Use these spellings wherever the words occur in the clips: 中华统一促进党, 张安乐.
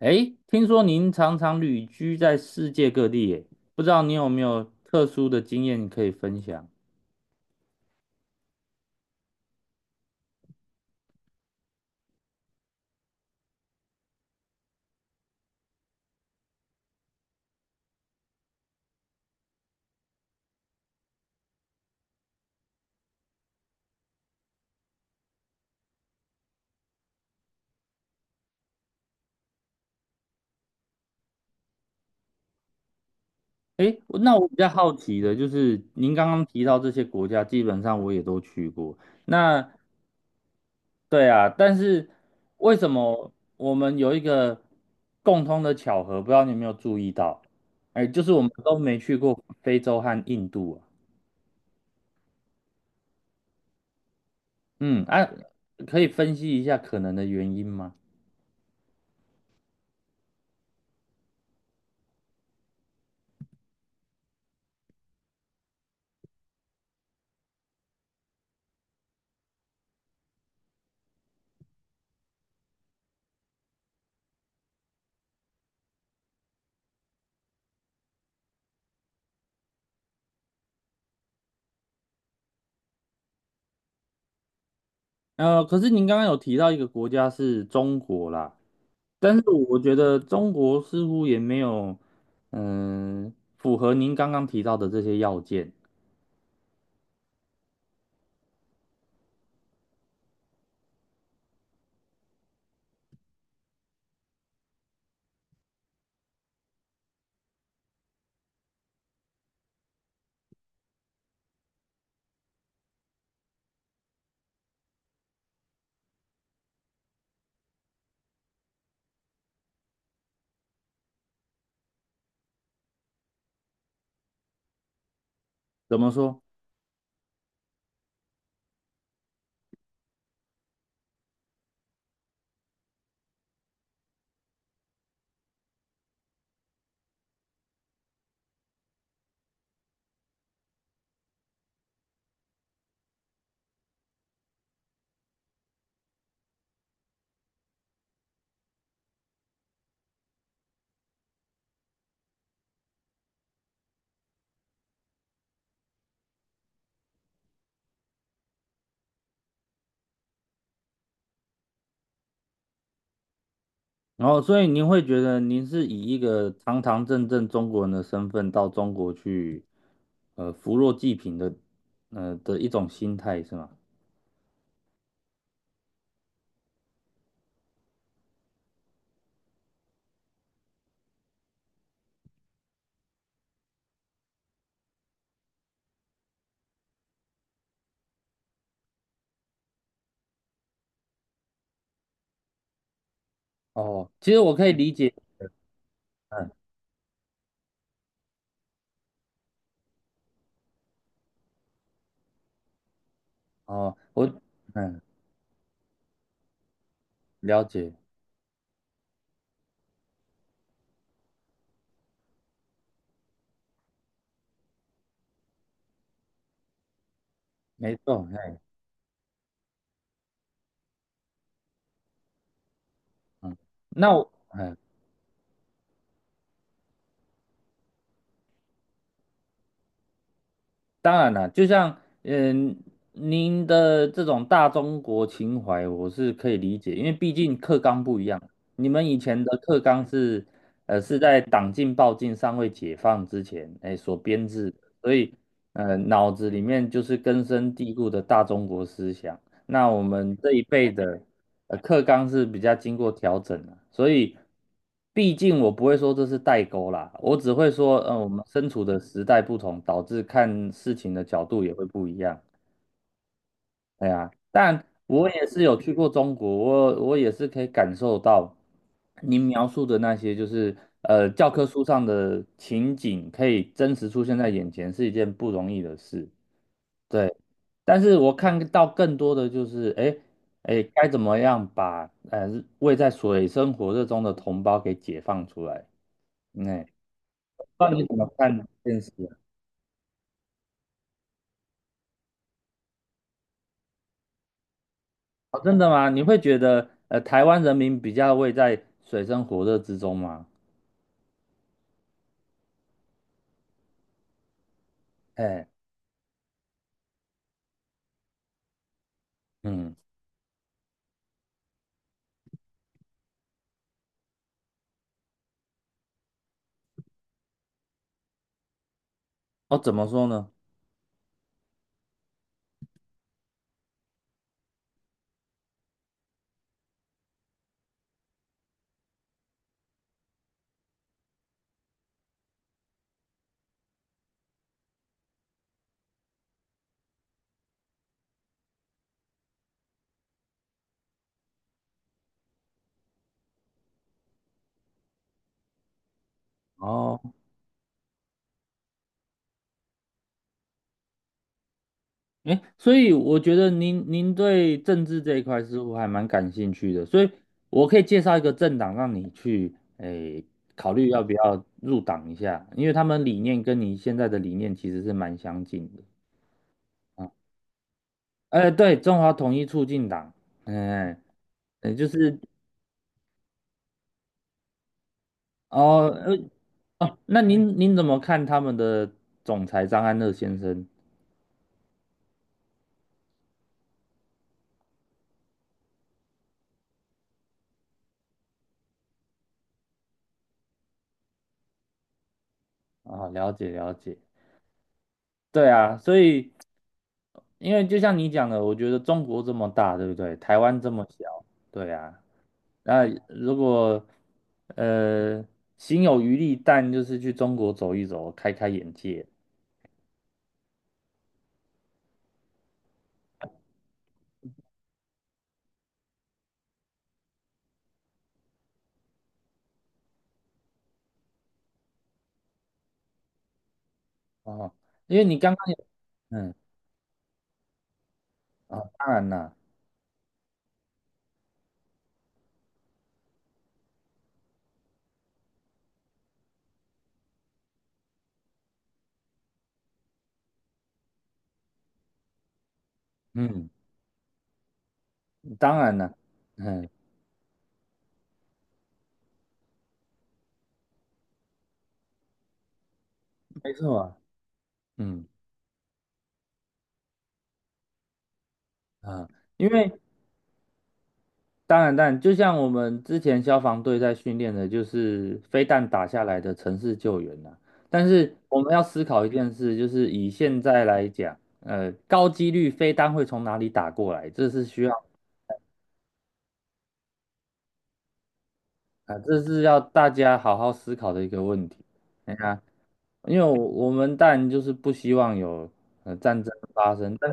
哎，听说您常常旅居在世界各地，耶，不知道你有没有特殊的经验可以分享？哎，那我比较好奇的就是，您刚刚提到这些国家，基本上我也都去过。那对啊，但是为什么我们有一个共通的巧合？不知道你有没有注意到？哎，就是我们都没去过非洲和印度啊。嗯，啊，可以分析一下可能的原因吗？可是您刚刚有提到一个国家是中国啦。但是我觉得中国似乎也没有，嗯、符合您刚刚提到的这些要件。怎么说？然后，所以您会觉得您是以一个堂堂正正中国人的身份到中国去，呃，扶弱济贫的，一种心态是吗？哦，其实我可以理解，嗯，哦，我，嗯，了解，没错，哎，嗯，那我，哎。当然了，就像嗯，您的这种大中国情怀，我是可以理解，因为毕竟课纲不一样。你们以前的课纲是，是在党禁、报禁尚未解放之前，哎，所编制的，所以，脑子里面就是根深蒂固的大中国思想。那我们这一辈的课纲是比较经过调整的，所以毕竟我不会说这是代沟啦，我只会说，嗯、我们身处的时代不同，导致看事情的角度也会不一样。对啊，但我也是有去过中国，我也是可以感受到您描述的那些，就是教科书上的情景，可以真实出现在眼前，是一件不容易的事。对，但是我看到更多的就是，哎，哎，该怎么样把位在水深火热中的同胞给解放出来？哎，不知道你怎么看这件事啊哦，真的吗？你会觉得台湾人民比较位在水深火热之中吗？哎，嗯，哦，怎么说呢？哦。哎，所以我觉得您对政治这一块似乎还蛮感兴趣的，所以我可以介绍一个政党让你去诶考虑要不要入党一下，因为他们理念跟你现在的理念其实是蛮相近的啊。哎，对，中华统一促进党，嗯，就是哦，呃，哦，那您怎么看他们的总裁张安乐先生？啊？了解了解。对啊，所以因为就像你讲的，我觉得中国这么大，对不对？台湾这么小，对啊。那如果呃心有余力，但就是去中国走一走，开开眼界哦。因为你刚刚也嗯啊、当然了，嗯，当然了，嗯，没错啊，嗯啊，因为当然，当然，就像我们之前消防队在训练的，就是飞弹打下来的城市救援呐、但是我们要思考一件事，就是以现在来讲，高几率飞弹会从哪里打过来，这是需要啊、这是要大家好好思考的一个问题。哎呀，因为我们当然就是不希望有战争发生，但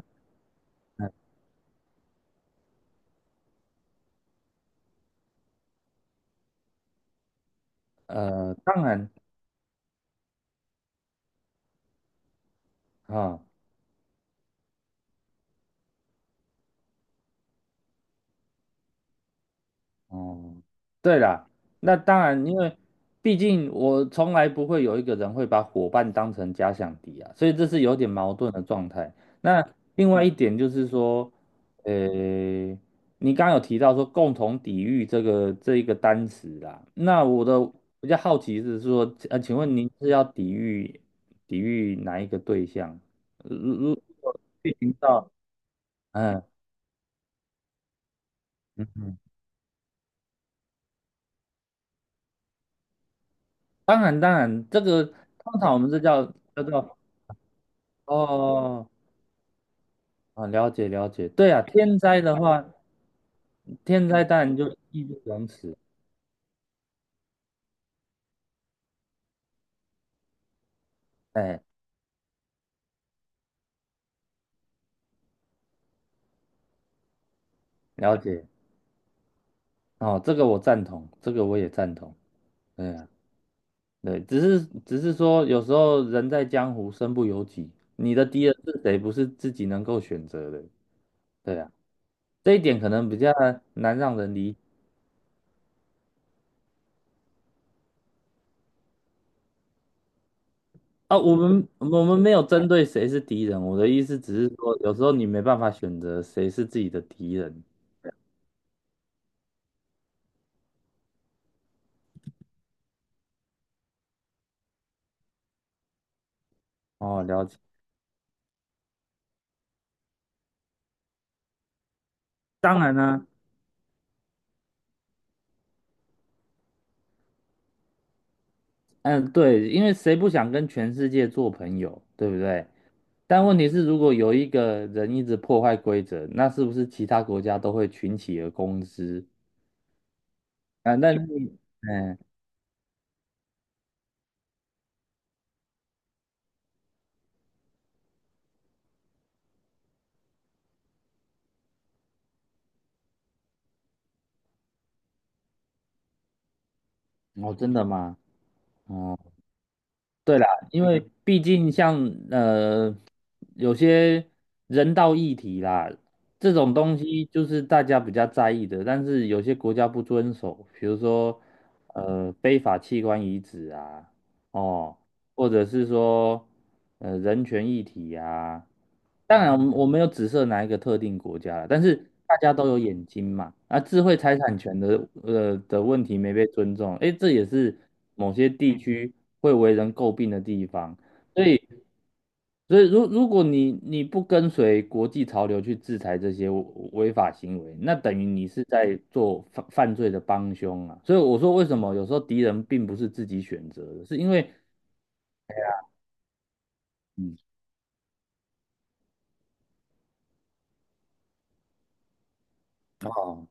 呃，当然啊。哦，对啦，那当然，因为毕竟我从来不会有一个人会把伙伴当成假想敌啊，所以这是有点矛盾的状态。那另外一点就是说，呃，你刚刚有提到说共同抵御这一个单词啦，那我的比较好奇是说，请问您是要抵御哪一个对象？如果进行到嗯。当然，当然，这个通常我们这叫叫做哦，啊，了解了解，对啊，天灾的话，天灾当然就义不容辞，哎，了解，哦，这个我赞同，这个我也赞同，对啊，对，只是说有时候人在江湖身不由己，你的敌人是谁不是自己能够选择的，对啊，这一点可能比较难让人理解啊，我们没有针对谁是敌人，我的意思只是说有时候你没办法选择谁是自己的敌人，哦，了解，当然呢、嗯，对，因为谁不想跟全世界做朋友，对不对？但问题是，如果有一个人一直破坏规则，那是不是其他国家都会群起而攻之？啊，那你，嗯，哦，真的吗？哦，对啦，因为毕竟像呃有些人道议题啦，这种东西就是大家比较在意的，但是有些国家不遵守，比如说非法器官移植啊，哦。或者是说，人权议题呀、当然，我没有指涉哪一个特定国家了，但是大家都有眼睛嘛。啊，智慧财产权的问题没被尊重，诶，这也是某些地区会为人诟病的地方。所以，所以如果你不跟随国际潮流去制裁这些违法行为，那等于你是在做犯罪的帮凶啊。所以我说，为什么有时候敌人并不是自己选择的，是因为。嗯，哦，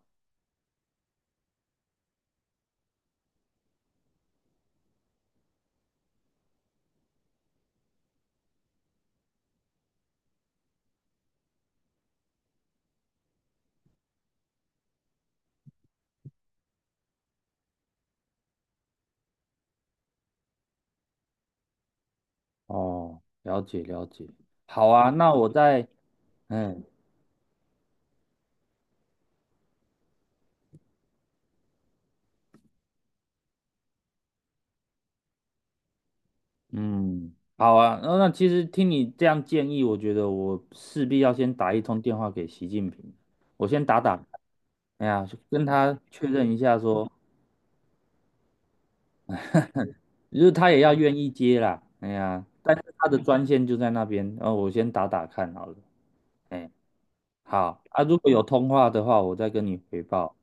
哦，了解了解。好啊，那我再，嗯嗯，好啊。那那其实听你这样建议，我觉得我势必要先打一通电话给习近平，我先打打看，哎呀，就跟他确认一下说，就是他也要愿意接啦，哎呀，但是他的专线就在那边，然后我先打打看好了。哎，好啊，如果有通话的话，我再跟你回报。